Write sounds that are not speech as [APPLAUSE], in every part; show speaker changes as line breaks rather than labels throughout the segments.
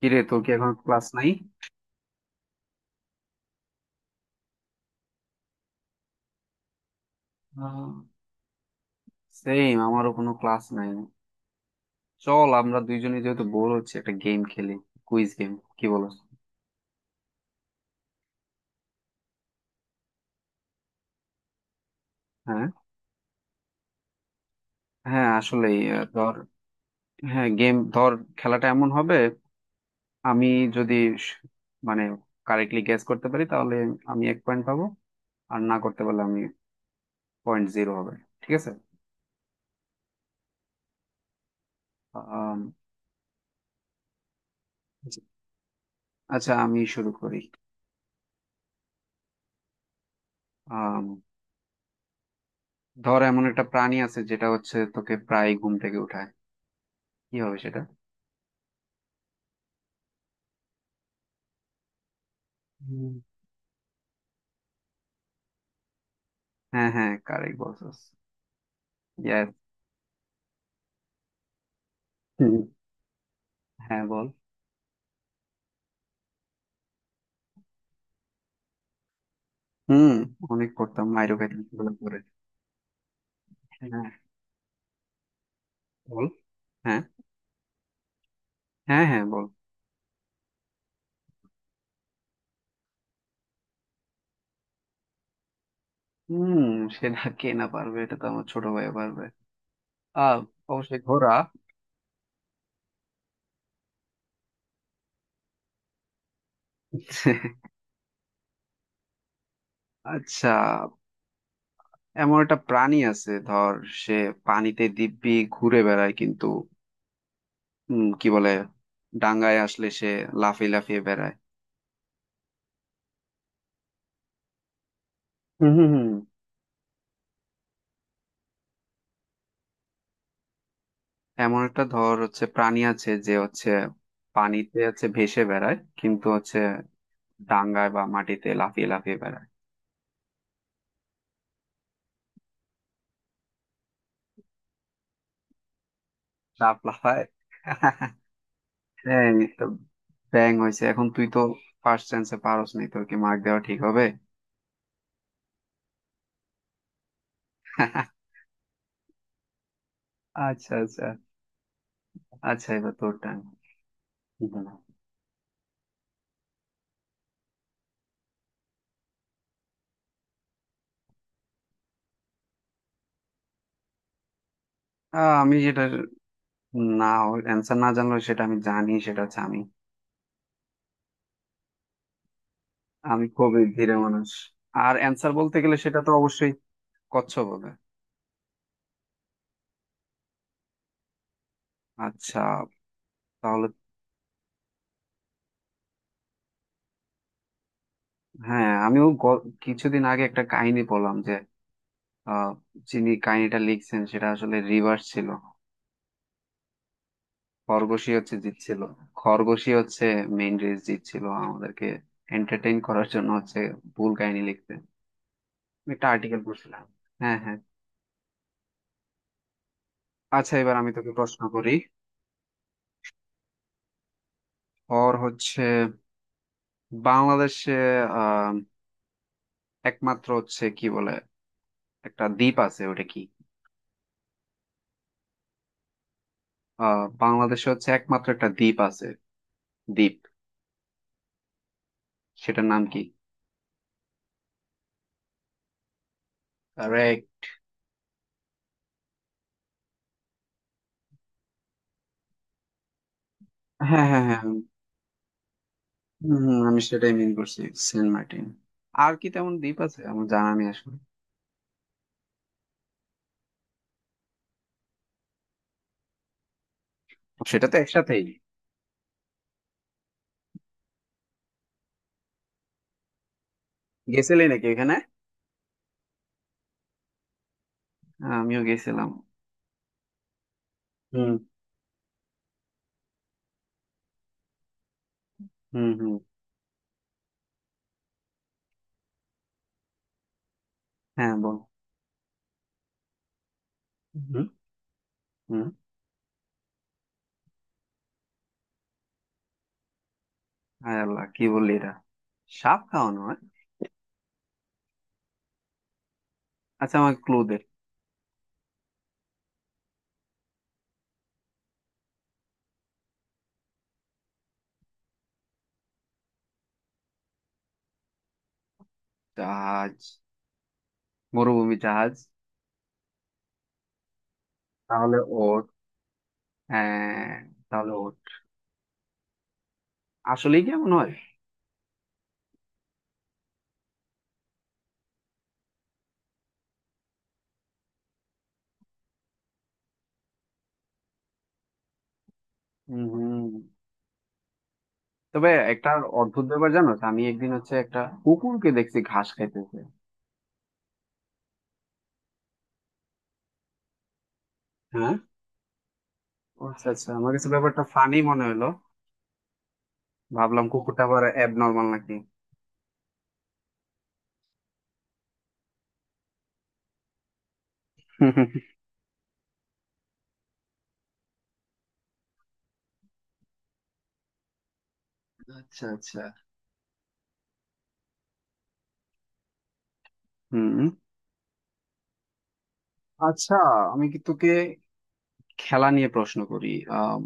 কিরে, তোর কি এখন ক্লাস নাই? সেম, আমারও কোনো ক্লাস নাই। চল, আমরা দুইজনে যেহেতু বোর হচ্ছে একটা গেম খেলি, কুইজ গেম। কি বলস? হ্যাঁ, হ্যাঁ আসলে ধর, হ্যাঁ গেম ধর, খেলাটা এমন হবে, আমি যদি স- মানে কারেক্টলি গেস করতে পারি তাহলে আমি 1 পয়েন্ট পাবো, আর না করতে পারলে আমি পয়েন্ট জিরো হবে। ঠিক আছে? আম, আচ্ছা আমি শুরু করি। আম, ধর এমন একটা প্রাণী আছে যেটা হচ্ছে তোকে প্রায় ঘুম থেকে উঠায়, কি হবে সেটা? হ্যাঁ হ্যাঁ, কারেক্ট বলছস। ইয়েস। হুম। হ্যাঁ বল। হুম, অনেক করতাম মাইরো খাইতাম ছোটবেলা করে। হ্যাঁ। বল। হ্যাঁ। হ্যাঁ হ্যাঁ বল। হুম, সেটা কে না পারবে, এটা তো আমার ছোট ভাই পারবে। আহ অবশ্যই ঘোড়া। আচ্ছা, এমন একটা প্রাণী আছে ধর, সে পানিতে দিব্যি ঘুরে বেড়ায় কিন্তু কি বলে, ডাঙায় আসলে সে লাফিয়ে লাফিয়ে বেড়ায়। হুম হুম হুম। এমন একটা ধর হচ্ছে প্রাণী আছে যে হচ্ছে পানিতে হচ্ছে ভেসে বেড়ায় কিন্তু হচ্ছে ডাঙায় বা মাটিতে লাফিয়ে লাফিয়ে বেড়ায়। সাপ লাফায়। ব্যাঙ এই তো, ব্যাঙ হয়েছে। এখন তুই তো ফার্স্ট চান্সে পারস নাই, তোর কি মার্ক দেওয়া ঠিক হবে? আচ্ছা আচ্ছা, আচ্ছা এবার তোর টাইম। আমি যেটা, না, অ্যান্সার না জানলেও সেটা আমি জানি, সেটা হচ্ছে আমি। আমি খুবই ধীরে মানুষ। আর অ্যান্সার বলতে গেলে সেটা তো অবশ্যই কচ্ছপ হবে। আচ্ছা তাহলে। হ্যাঁ, আমিও কিছুদিন আগে একটা কাহিনী পড়লাম যে, আহ, যিনি কাহিনীটা লিখছেন সেটা আসলে রিভার্স ছিল। খরগোশই হচ্ছে জিতছিল। খরগোশই হচ্ছে মেইন রেস জিতছিল আমাদেরকে এন্টারটেইন করার জন্য হচ্ছে ভুল কাহিনী লিখতে। আমি একটা আর্টিকেল পড়ছিলাম। হ্যাঁ হ্যাঁ। আচ্ছা এবার আমি তোকে প্রশ্ন করি। ওর হচ্ছে বাংলাদেশে আহ একমাত্র হচ্ছে কি বলে একটা দ্বীপ আছে, ওটা কি? বাংলাদেশে হচ্ছে একমাত্র একটা দ্বীপ আছে, দ্বীপ। সেটার নাম কি? হ্যাঁ হ্যাঁ হ্যাঁ, হম। হম, আমি সেটাই মিন করছি। সেন্ট মার্টিন। আর কি তেমন দ্বীপ আছে আমার জানা নেই আসলে। সেটা তো একসাথেই। গেছিলি নাকি এখানে? হ্যাঁ, আমিও গেছিলাম। হুম হুম হুম। হ্যাঁ বল। হুম হুম। হায় আল্লাহ, কি বললি এটা? সাপ খাওয়ানো হয়? আচ্ছা আমার ক্লু দে। জাহাজ, মরুভূমি জাহাজ। তাহলে ওট। হ্যাঁ তাহলে ওট, আসলেই কেমন হয়। হুম হুম। তবে একটা অদ্ভুত ব্যাপার জানো তো, আমি একদিন হচ্ছে একটা কুকুরকে দেখছি ঘাস খাইতেছে। হ্যাঁ। ও আচ্ছা আচ্ছা, আমার কাছে ব্যাপারটা ফানি মনে হলো। ভাবলাম কুকুরটা আবার অ্যাবনর্মাল নাকি। আচ্ছা আচ্ছা। হুম। আচ্ছা আমি কি তোকে খেলা নিয়ে প্রশ্ন করি? আম,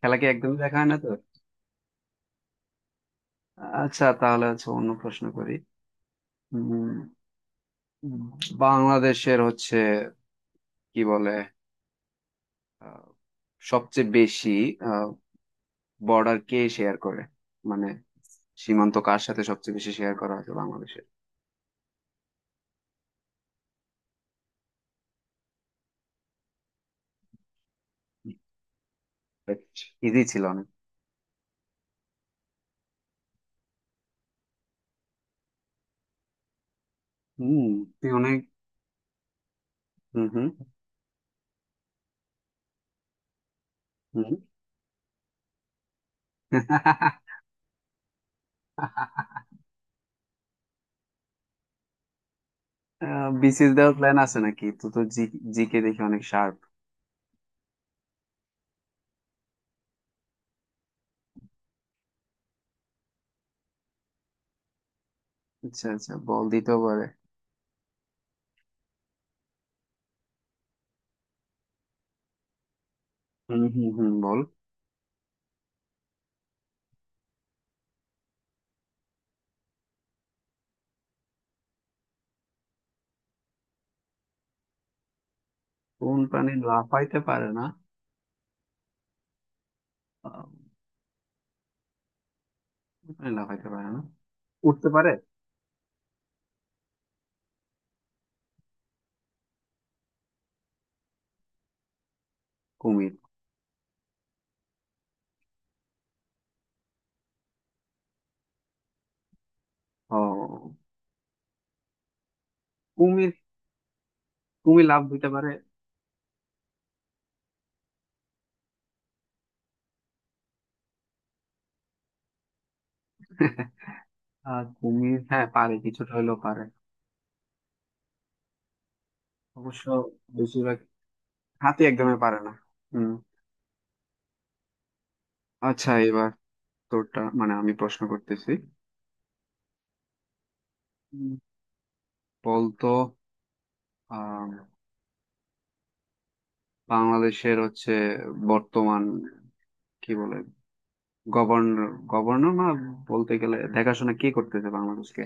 খেলা কি একদমই দেখা হয় না তো? আচ্ছা তাহলে হচ্ছে অন্য প্রশ্ন করি। উম, বাংলাদেশের হচ্ছে কি বলে, আহ, সবচেয়ে বেশি বর্ডার কে শেয়ার করে? মানে সীমান্ত কার সাথে সবচেয়ে বেশি শেয়ার করা হয়েছে বাংলাদেশের? ইজি ছিল অনেক। হুম। তুই অনেক, হুম হুম হুম। [LAUGHS] বিসিএস দেওয়ার প্ল্যান আছে নাকি? তো তো জিকে দেখি অনেক শার্প। আচ্ছা আচ্ছা বল, দিতেও পারে। হুম হুম হুম, বল। কোন প্রাণী লাফাইতে পারে না? আহ, কোন প্রাণী লাফাইতে পারে না? উঠতে পারে। কুমির। ও কুমির, কুমির লাফ দিতে পারে। [LAUGHS] আর কুমির হ্যাঁ পারে, কিছুটা হলেও পারে অবশ্য, বেশিরভাগ। হাতি একদমই পারে না। হুম। আচ্ছা এবার তোরটা, মানে আমি প্রশ্ন করতেছি। বলতো, আহ বাংলাদেশের হচ্ছে বর্তমান কি বলে গভর্নর, গভর্নর না, বলতে গেলে দেখাশোনা কি করতেছে বাংলাদেশকে?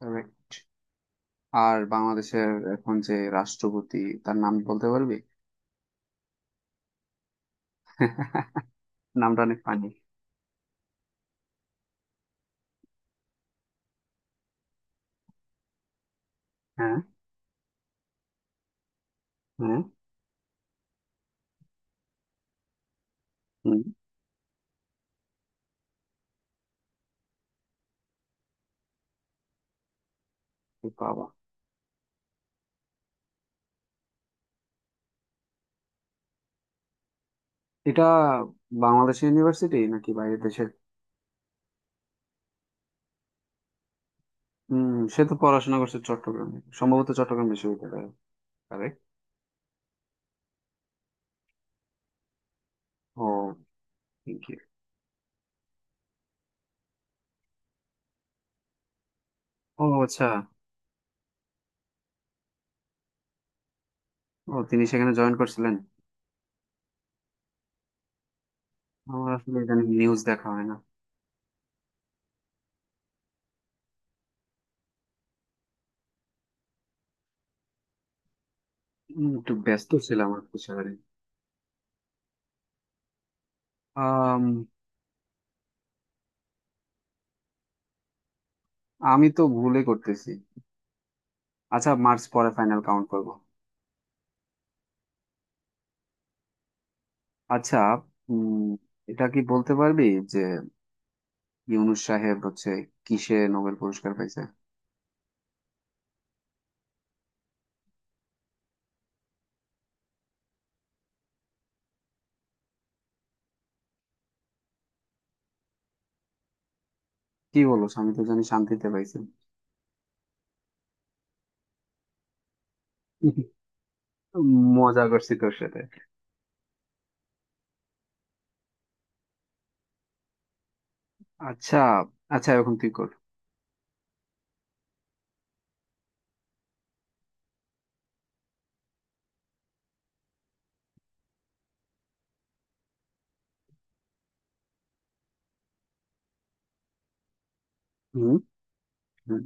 Correct. আর বাংলাদেশের এখন যে রাষ্ট্রপতি, তার নাম বলতে পারবি? [LAUGHS] নামটা অনেক ফানি। হ্যাঁ হ্যাঁ। হুম। এ বাবা, এটা বাংলাদেশ ইউনিভার্সিটি নাকি বাইরের দেশের? হুম। সে তো পড়াশোনা করছে চট্টগ্রামে, সম্ভবত চট্টগ্রাম বিশ্ববিদ্যালয়ে। কারেক্ট। ও, thank you. ও আচ্ছা। ও তিনি সেখানে জয়েন করছিলেন। আমার আসলে ইদানিং নিউজ দেখা হয় না। একটু ব্যস্ত ছিলাম আর কি সারাদিন। আম, আমি তো ভুলে করতেছি। আচ্ছা মার্চ পরে ফাইনাল কাউন্ট করব। আচ্ছা। উম এটা কি বলতে পারবি, যে ইউনুস সাহেব হচ্ছে কিসে নোবেল পুরস্কার পাইছে? কি বলো, আমি তো জানি শান্তিতে পাইছে। মজা করছি তোর সাথে। আচ্ছা আচ্ছা, এখন তুই কর। হুম। হুম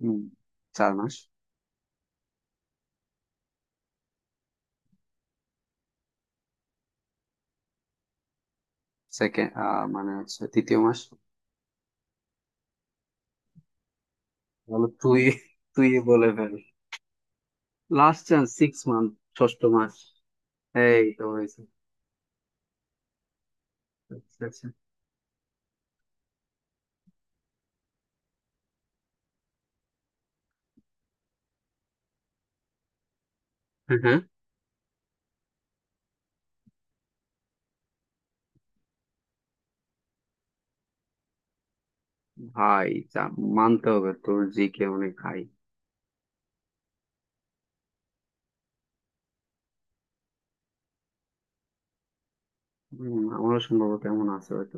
হুম, 4 মাস। সেকেন্ড, মানে হচ্ছে তৃতীয় মাস। বলো তুই, তুই বলে ফেল। Last chance, 6 month। ষষ্ঠ মাস, এই তো হয়েছে। আচ্ছা আচ্ছা। হ্যাঁ হ্যাঁ। ভাই যা, মানতে হবে তোর জিকে অনেক হাই। হম, আমারও সম্ভবত এমন আছে হয়তো।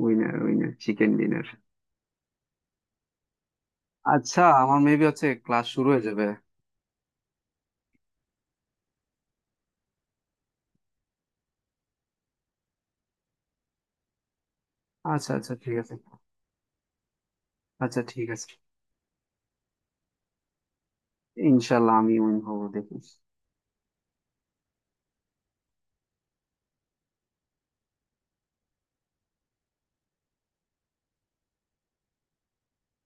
Winner winner chicken dinner. আচ্ছা আমার মেবি হচ্ছে ক্লাস শুরু হয়ে যাবে। আচ্ছা আচ্ছা ঠিক আছে। আচ্ছা ঠিক আছে। ইনশাল্লাহ আমি উইন হবো দেখি।